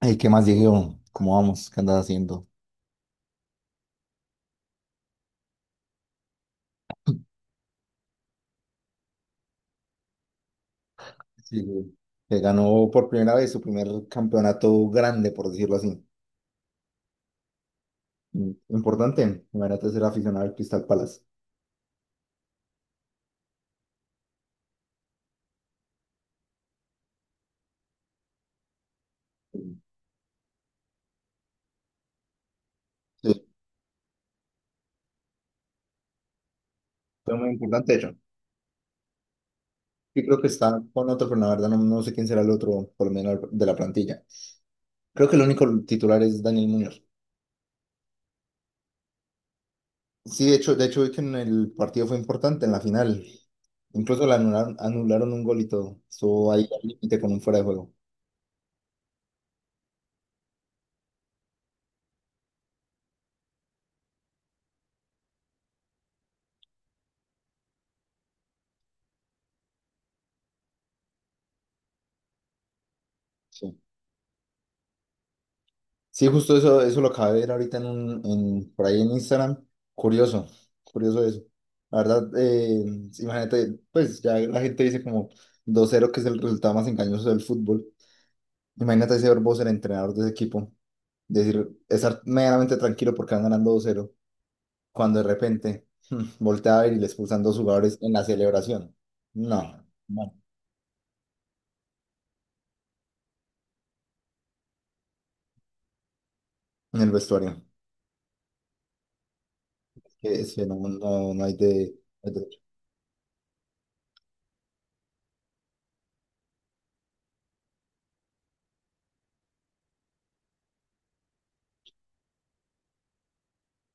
Ay, ¿qué más, Diego? ¿Cómo vamos? ¿Qué andas haciendo? Sí, güey. Se ganó por primera vez su primer campeonato grande, por decirlo así. Importante. Imagínate ser aficionado al Crystal Palace. Sí, Sí, fue muy importante, de hecho. Y creo que está con otro, pero la verdad no sé quién será el otro, por lo menos de la plantilla. Creo que el único titular es Daniel Muñoz. Sí, de hecho vi que en el partido fue importante, en la final. Incluso anularon un gol y todo. Estuvo ahí al límite con un fuera de juego. Sí. Sí, justo eso, lo acabé de ver ahorita en por ahí en Instagram. Curioso, curioso eso. La verdad, imagínate, pues ya la gente dice como 2-0, que es el resultado más engañoso del fútbol. Imagínate ese Bos, el entrenador de ese equipo, decir, estar medianamente tranquilo porque van ganando 2-0 cuando de repente voltea a ver y le expulsan dos jugadores en la celebración. No, no, en el vestuario. Que es que no, no, no hay de...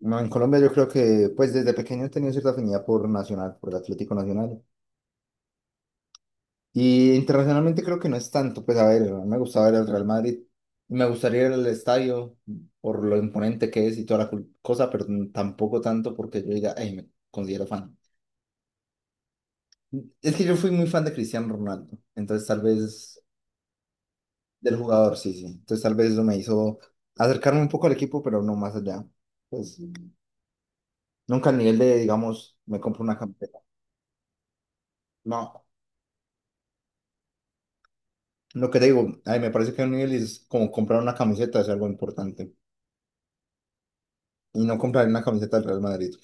No, en Colombia yo creo que pues desde pequeño he tenido cierta afinidad por Nacional, por el Atlético Nacional. Y internacionalmente creo que no es tanto, pues a ver, me gustaba ver el Real Madrid, me gustaría ir al estadio por lo imponente que es y toda la cul- cosa, pero n- tampoco tanto porque yo diga: "Ey, me considero fan". Es que yo fui muy fan de Cristiano Ronaldo, entonces tal vez del jugador, sí, sí. Entonces tal vez eso me hizo acercarme un poco al equipo, pero no más allá. Pues nunca al nivel de, digamos, me compro una camiseta. No. Lo que te digo, ay, me parece que un nivel es como comprar una camiseta, es algo importante. Y no comprar una camiseta del Real Madrid.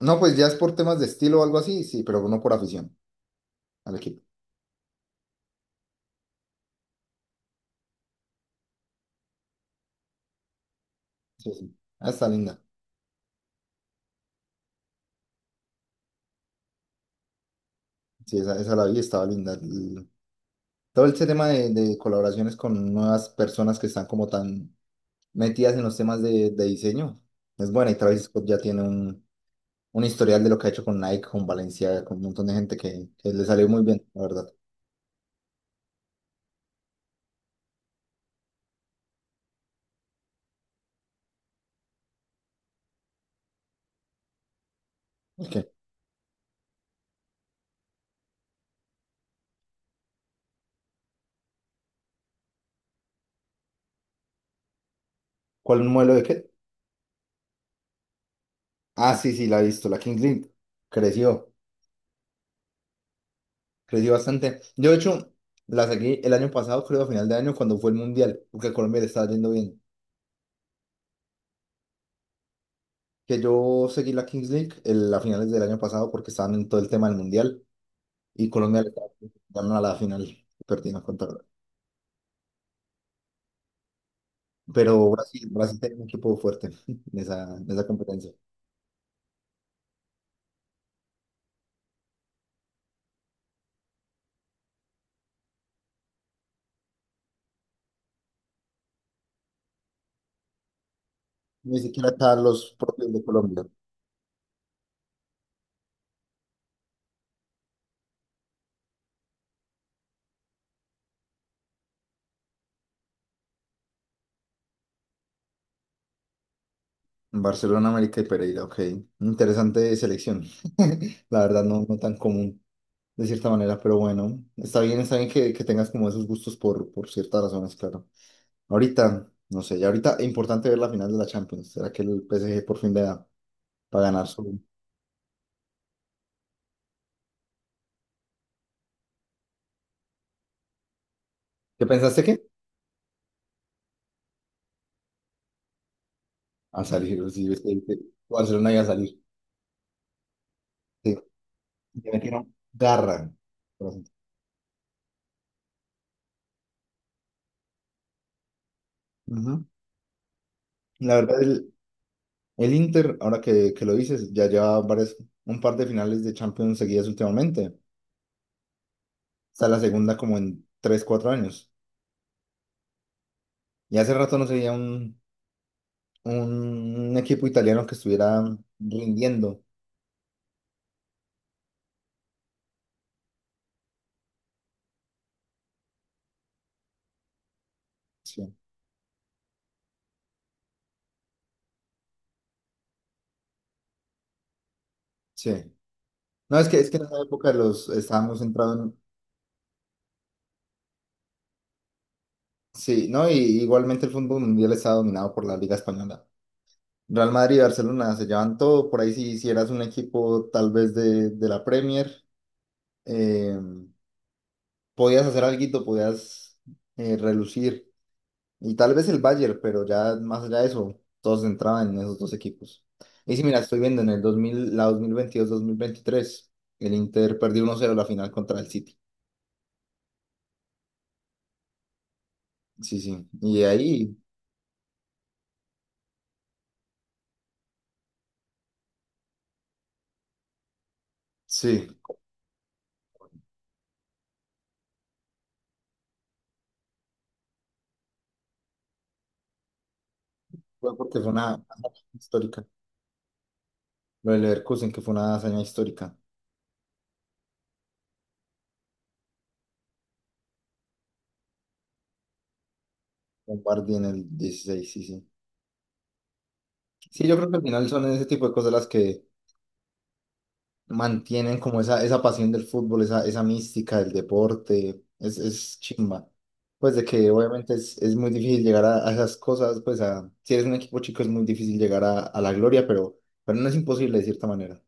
No, pues ya es por temas de estilo o algo así, sí, pero no por afición al equipo. Sí, sí. Ah, está linda. Sí, esa, la vi, estaba linda. El- todo este tema de, colaboraciones con nuevas personas que están como tan metidas en los temas de, diseño es buena. Y Travis Scott ya tiene un historial de lo que ha hecho con Nike, con Valencia, con un montón de gente que le salió muy bien, la verdad. Ok. ¿Cuál modelo de qué? Ah, sí, sí, la he visto, la Kings League. Creció, bastante. Yo, de hecho, la seguí el año pasado, creo, a final de año, cuando fue el Mundial, porque a Colombia le estaba yendo bien. Que yo seguí la Kings League el- a finales del año pasado porque estaban en todo el tema del Mundial y Colombia le estaba ganando a la final, perdieron contra. Pero Brasil, tiene un equipo fuerte en esa competencia. Ni siquiera acá los propios de Colombia. Barcelona, América y Pereira, ok. Interesante selección. La verdad, no, no tan común. De cierta manera, pero bueno, está bien que tengas como esos gustos por, ciertas razones, claro. Ahorita, no sé, ya ahorita es importante ver la final de la Champions. ¿Será que el PSG por fin le da para ganar su...? ¿Qué pensaste que? A salir, sí, es que dice, Barcelona iba a salir. Sí, le metieron garra. Ujú. La verdad, el Inter, ahora que lo dices, ya lleva varias, un par de finales de Champions seguidas últimamente. Está la segunda como en 3-4 años. Y hace rato no se veía un equipo italiano que estuviera rindiendo. Sí, sí. No, es que, en esa época los estábamos centrados en... Sí, ¿no? Y igualmente el fútbol mundial está dominado por la Liga Española. Real Madrid y Barcelona se llevan todo. Por ahí si hicieras un equipo tal vez de, la Premier, eh, podías hacer alguito, podías relucir. Y tal vez el Bayern, pero ya más allá de eso, todos entraban en esos dos equipos. Y sí mira, estoy viendo en el 2022-2023 el Inter perdió 1-0 la final contra el City. Sí, sí. Y de ahí, sí, fue porque fue una hazaña histórica. Lo del Leverkusen, que fue una hazaña histórica. Con Bardi en el dieciséis, sí, sí. Sí, yo creo que al final son ese tipo de cosas las que mantienen como esa, pasión del fútbol, esa, mística del deporte, es, chimba. Pues de que obviamente es, muy difícil llegar a, esas cosas, pues a, si eres un equipo chico es muy difícil llegar a, la gloria, pero no es imposible de cierta manera.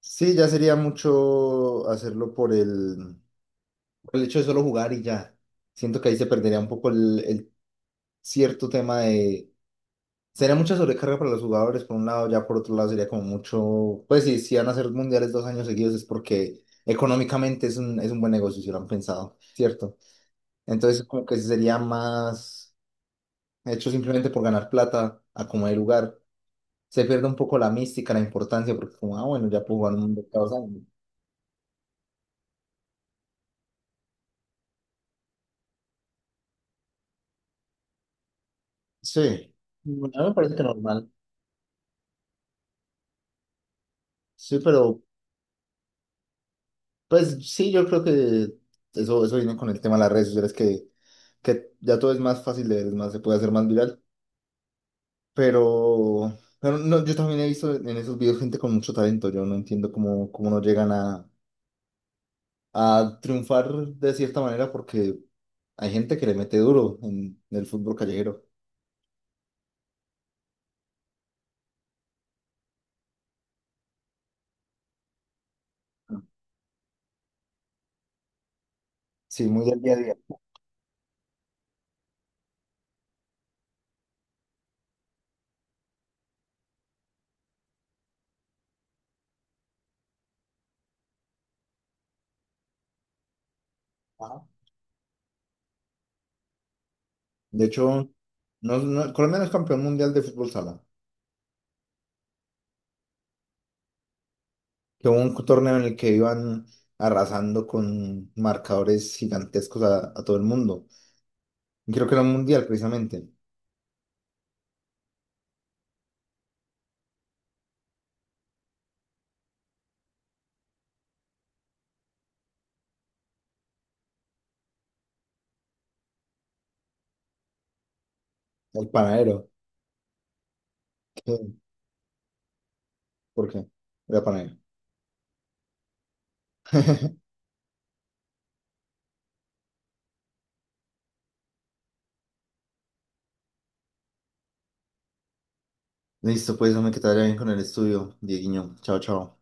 Sí, ya sería mucho hacerlo por el hecho de solo jugar y ya. Siento que ahí se perdería un poco el, cierto tema de. Sería mucha sobrecarga para los jugadores, por un lado, ya por otro lado sería como mucho, pues sí, si van a hacer mundiales 2 años seguidos es porque económicamente es un buen negocio, si lo han pensado, ¿cierto? Entonces como que sí sería más hecho simplemente por ganar plata a como de lugar. Se pierde un poco la mística, la importancia, porque como, ah, bueno, ya puedo jugar un mundial cada 2 años. Sí, bueno, a mí me parece que normal. Sí, pero pues sí, yo creo que eso, viene con el tema de las redes sociales, que ya todo es más fácil de ver, es más, se puede hacer más viral. Pero no, yo también he visto en esos videos gente con mucho talento. Yo no entiendo cómo, cómo no llegan a, triunfar de cierta manera porque hay gente que le mete duro en el fútbol callejero. Sí, muy del día a día. Ajá. De hecho, Colombia no es campeón mundial de fútbol sala. Que hubo un torneo en el que iban arrasando con marcadores gigantescos a, todo el mundo. Y creo que era un mundial precisamente. El panadero. ¿Qué? ¿Por qué? Era panadero. Listo, pues, hombre, que te bien con el estudio, Dieguiño. Chao, chao.